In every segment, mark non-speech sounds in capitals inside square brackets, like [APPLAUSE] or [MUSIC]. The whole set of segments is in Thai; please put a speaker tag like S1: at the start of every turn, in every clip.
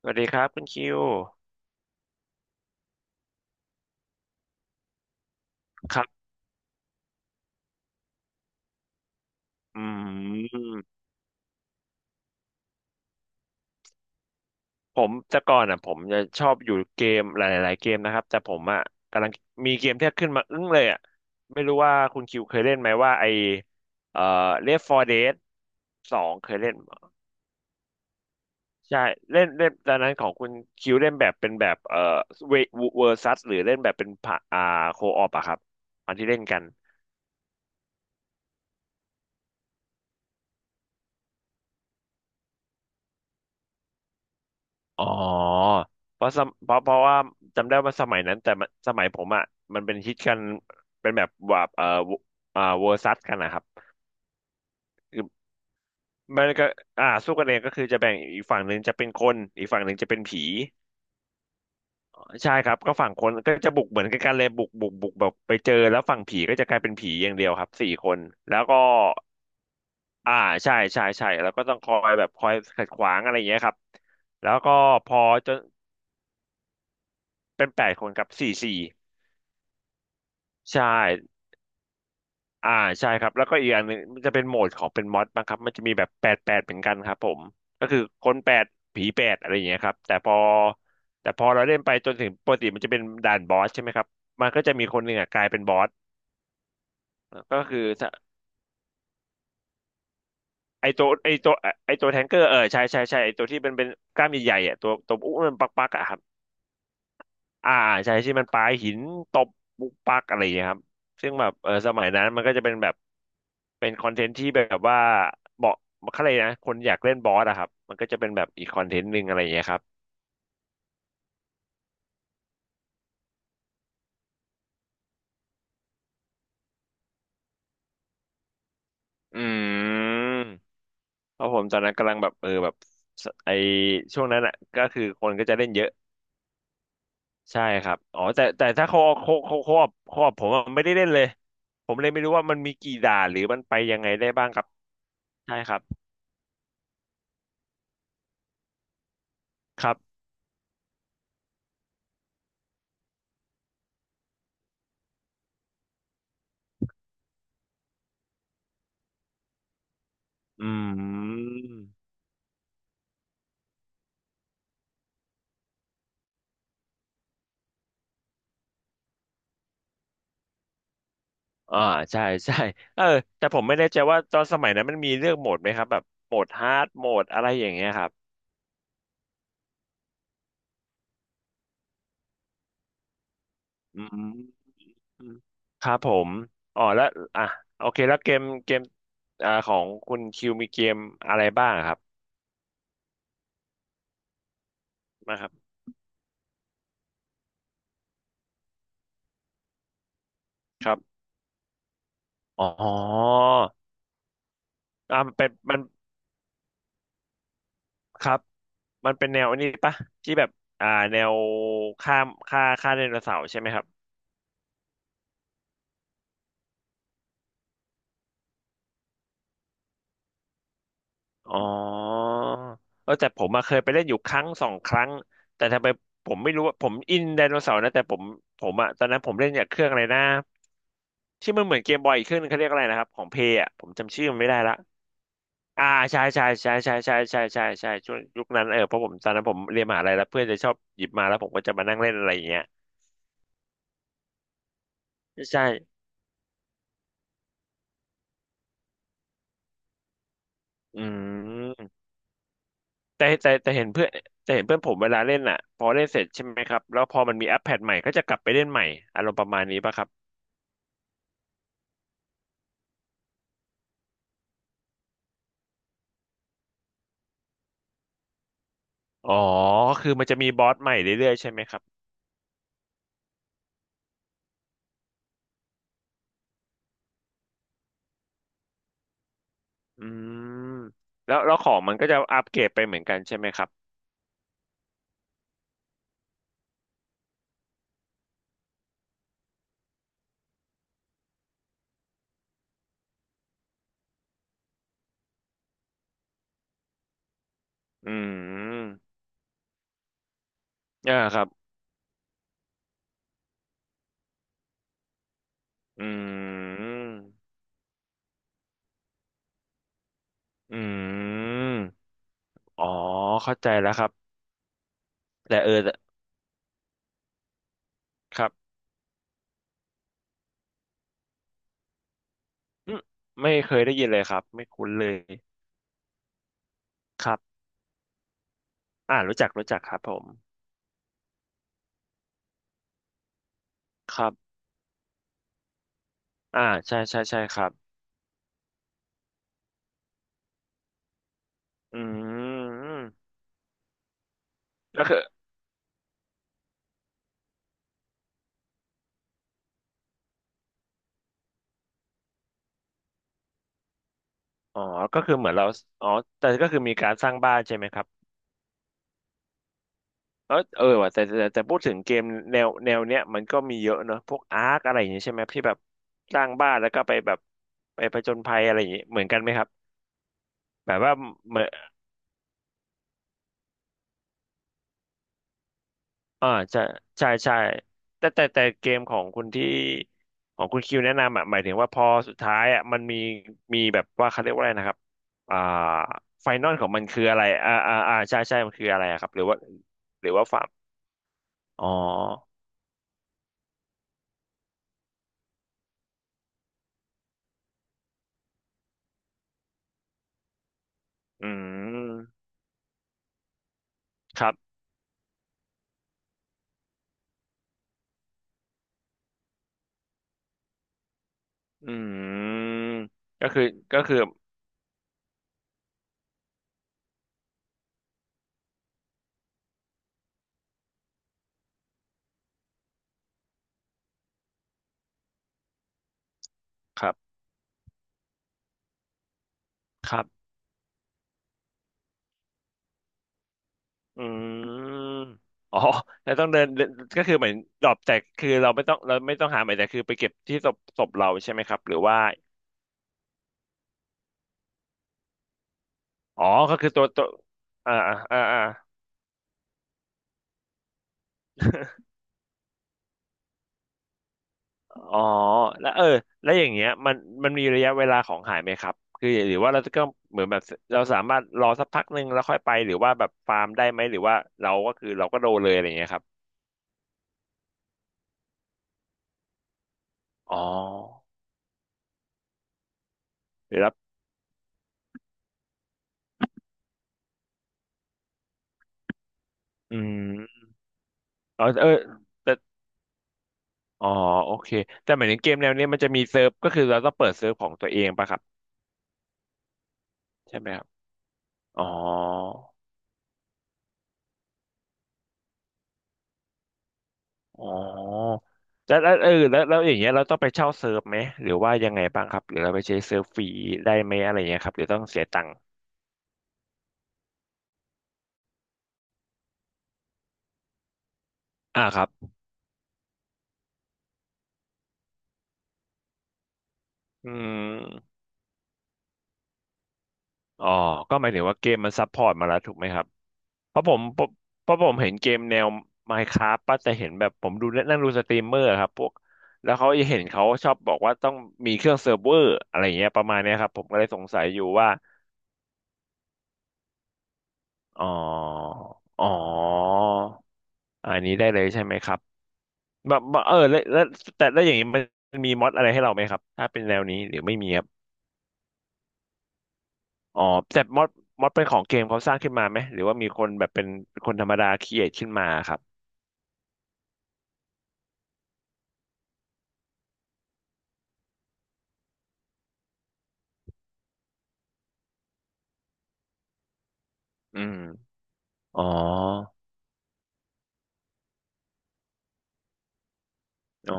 S1: สวัสดีครับคุณคิวครับอืมผมแต่ก่อนอ่ะผมจะชอบอยู่เกมหลายๆเกมนะครับแต่ผมอ่ะกำลังมีเกมที่ขึ้นมาอึ้งเลยอ่ะไม่รู้ว่าคุณคิวเคยเล่นไหมว่าไอเอ่อ Left 4 Dead สองเคยเล่นใช่เล่นเล่นตอนนั้นของคุณคิวเล่นแบบเป็นแบบเวเวอร์ซัสหรือเล่นแบบเป็นผ่าอ่าโคออปอะครับอันที่เล่นกัน อ๋อเพราะสมเพราะเพราะว่าจำได้ว่าสมัยนั้นแต่มันสมัยผมอ่ะมันเป็นฮิตกันเป็นแบบว่าอ่าเวอร์ซัสกันนะครับคือมันก็อ่าสู้กันเองก็คือจะแบ่งอีกฝั่งหนึ่งจะเป็นคนอีกฝั่งหนึ่งจะเป็นผีใช่ครับก็ฝั่งคนก็จะบุกเหมือนกันเลยบุกแบบไปเจอแล้วฝั่งผีก็จะกลายเป็นผีอย่างเดียวครับสี่คนแล้วก็อ่าใช่ใช่ใช่แล้วก็ต้องคอยแบบคอยขัดขวางอะไรอย่างเงี้ยครับแล้วก็พอจนเป็นแปดคนครับสี่สี่ใช่ อ่าใช่ครับแล้วก็อีกอย่างหนึ่งมันจะเป็นโหมดของเป็นมอดบ้างครับมันจะมีแบบแปดแปดเหมือนกันครับผมก็คือคนแปดผีแปดอะไรอย่างเงี้ยครับแต่พอเราเล่นไปจนถึงปกติมันจะเป็นด่านบอสใช่ไหมครับมันก็จะมีคนหนึ่งอ่ะกลายเป็นบอสก็คือถ้าไอตัวไอตัวไอตัวแทงเกอร์เออใช่ใช่ใช่ไอตัวที่เป็นกล้ามใหญ่ๆอ่ะตัวตัวอุ้มมันปักๆอ่ะครับ อ่าใช่ที่มันปาหินตบปุกปักอะไรอย่างเงี้ยครับซึ่งแบบเออสมัยนั้นมันก็จะเป็นแบบเป็นคอนเทนต์ที่แบบว่าเหมาะเขาเลยกนะคนอยากเล่นบอสอะครับมันก็จะเป็นแบบอีกคอนเทนต์หนึ่งอะไรอย่างเงี้ยครับอืมเพราะผมตอนนั้นกำลังแบบเออแบบสไอช่วงนั้นอะก็คือคนก็จะเล่นเยอะใช่ครับอ๋อแต่แต่ถ้าเขาผมอะไม่ได้เล่นเลยผมเลยไม่รู้ว่ามันมีกี่ด่านหรือมันไปยังไงได้บ้างครับใช่ครับครับอืม อ่าใช่ใช่เออแต่ผมไม่แน่ใจว่าตอนสมัยนั้นมันมีเลือกโหมดไหมครับแบบโหมดฮาร์ดโหมดอะไรอย่างเงี้ยครับอืมครับผมอ๋อแล้วอ่ะโอเคแล้วเกมอ่าของคุณคิวมีเกมอะไรบ้างครับนะครับครับอ๋ออ่ามันเป็นมันครับมันเป็นแนวอันนี้ปะที่แบบอ่าแนวฆ่าฆ่าไดโนเสาร์ใช่ไหมครับ อ๋อเออแต่ผมมาเคยไปเล่นอยู่ครั้งสองครั้ง แต่ทำไมผมไม่รู้ว่าผมอินไดโนเสาร์นะแต่ผมอะตอนนั้นผมเล่นอย่างเครื่องอะไรนะที่มันเหมือนเกมบอยอีกเครื่องนึงเขาเรียกอะไรนะครับของเพย์อะผมจำชื่อมันไม่ได้ละอ่าใช่ช่วงยุคนั้นเออเพราะผมตอนนั้นผมเรียนมหาลัยแล้วเพื่อนจะชอบหยิบมาแล้วผมก็จะมานั่งเล่นอะไรอย่างเงี้ยใช่อืมแต่แต่แต่เห็นเพื่อนแต่เห็นเพื่อนผมเวลาเล่นอ่ะพอเล่นเสร็จใช่ไหมครับแล้วพอมันมีแอปแพดใหม่ก็จะกลับไปเล่นใหม่อารมณ์ประมาณนี้ป่ะครับ อ๋อคือมันจะมีบอสใหม่เรื่อยๆใช่ไหมครับอืมแล้วของมันก็จะอัปเกรดไปเหมือนกันใช่ไหมครับอืมอ่าครับอืมอืมอ๋อเข้าใจแล้วครับแต่เออแต่ครับอืมไม่เคยได้ยินเลยครับไม่คุ้นเลยครับอ่ารู้จักครับผมครับอ่าใช่ใช่ใช่ครับอืมก็คืออ๋อก็คือเหมือนเราอ๋อแต่ก็คือมีการสร้างบ้านใช่ไหมครับ แล้วเออว่ะแต่พูดถึงเกมแนวเนี้ยมันก็มีเยอะเนอะพวกอาร์คอะไรอย่างเงี้ยใช่ไหมที่แบบสร้างบ้านแล้วก็ไปแบบไปผจญภัยอะไรอย่างเงี้ยเหมือนกันไหมครับแบบว่าเหมือนอ่าใช่ใช่ใช่แต่เกมของคุณคิวแนะนำอ่ะหมายถึงว่าพอสุดท้ายอ่ะมันมีแบบว่าเขาเรียกว่าอะไรนะครับอ่าไฟนอลของมันคืออะไรอ่าใช่ใช่มันคืออะไรอะครับหรือว่าหรือว่าฟาร์มอ๋ออืมครับ อืมก็คือก็คือครับครับอืมอ๋อแล้วต้องเดินเดินก็คือเหมือนดรอปแต่คือเราไม่ต้องหาใหม่แต่คือไปเก็บที่ศพเราใช่ไหมครับหรือว่าอ๋อก็คือตัวตัวอ่าอ่าอ่าอ่า [LAUGHS] อ๋อแล้วแล้วอย่างเงี้ยมันมีระยะเวลาของหายไหมครับคือหรือว่าเราจะก็เหมือนแบบเราสามารถรอสักพักหนึ่งแล้วค่อยไปหรือว่าแบบฟาร์มได้ไหมหรือว่าเราก็คือเราก็โดนเลยอะไรเงี้ยครับอ๋อหรือรับอืม เออแต่อ๋อโอเคแต่หมายถึงเกมแนวเนี้ยมันจะมีเซิร์ฟก็คือเราต้องเปิดเซิร์ฟของตัวเองป่ะครับใช่ไหมครับอ๋ออ๋อแล้วแล้วเออแล้วแล้วอย่างเงี้ยเราต้องไปเช่าเซิร์ฟไหมหรือว่ายังไงบ้างครับหรือเราไปใช้เซิร์ฟฟรีได้ไหมอะไรเงี้ยครับหรือต้องเสียตังค์อ่าครับอืมอ๋อก็หมายถึงว่าเกมมันซัพพอร์ตมาแล้วถูกไหมครับ เพราะผมเห็นเกมแนว Minecraft ป่ะแต่เห็นแบบผมดูนั่งดูสตรีมเมอร์ครับพวกแล้วเขาจะเห็นเขาชอบบอกว่าต้องมีเครื่องเซิร์ฟเวอร์อะไรอย่างเงี้ยประมาณเนี้ยครับผมก็เลยสงสัยอยู่ว่าอ๋ออ๋ออันนี้ได้เลยใช่ไหมครับแบบแบบเออแล้วแล้วแต่แล้วอย่างนี้มันมีม็อดอะไรให้เราไหมครับถ้าเป็นแนวนี้หรือไม่มีครับอ๋อแต่ม็อดเป็นของเกมเขาสร้างขึ้นมาไหมหรือว่ามีคนแบบเป็นคนธรรมดาครีเอทขึ้นมาครับอืมอ๋อ อ๋อ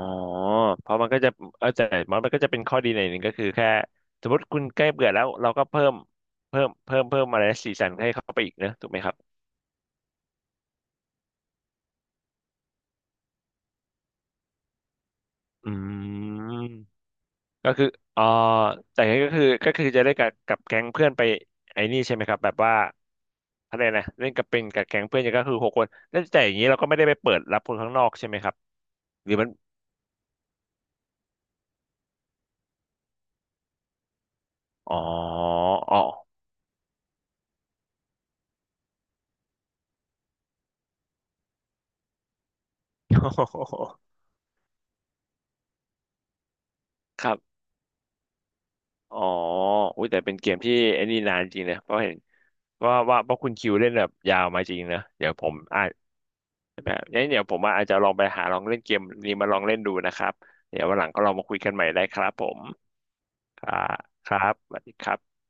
S1: เพราะมันก็จะแต่มันก็จะเป็นข้อดีในอยหนึ่งก็คือแค่สมมติคุณใกล้เบื่อแล้วเราก็เพิ่มอะไรนะสีสันให้เข้าไปอีกนะถูกไหมครับอืมก็คืออ๋อแต่ก็คือจะได้กับแก๊งเพื่อนไปไอ้นี่ใช่ไหมครับแบบว่าอะไรนะเล่นกับเป็นกับแก๊งเพื่อนเนี่ยก็คือหกคนแล้วแต่อย่างนี้เราก็ไม่ได้ไปเปิดรับคนข้างนอกใช่ไหมครับหรือมันอ๋ออ๋อ [LAUGHS] ครับอ๋ออุ้ยแต่เป็นเกมที่ไอ้นี่นานจริงนะเพราะเห็น ว่าเพราะคุณคิวเล่นแบบยาวมาจริงนะเดี๋ยวผมอาจแบบงั้นเดี๋ยวผมว่าอาจจะลองไปหาลองเล่นเกมนี้มาลองเล่นดูนะครับเดี๋ยววันหลังก็ลองมาคุยกันใหม่ได้ครับผมครับครับสวัสดีครับ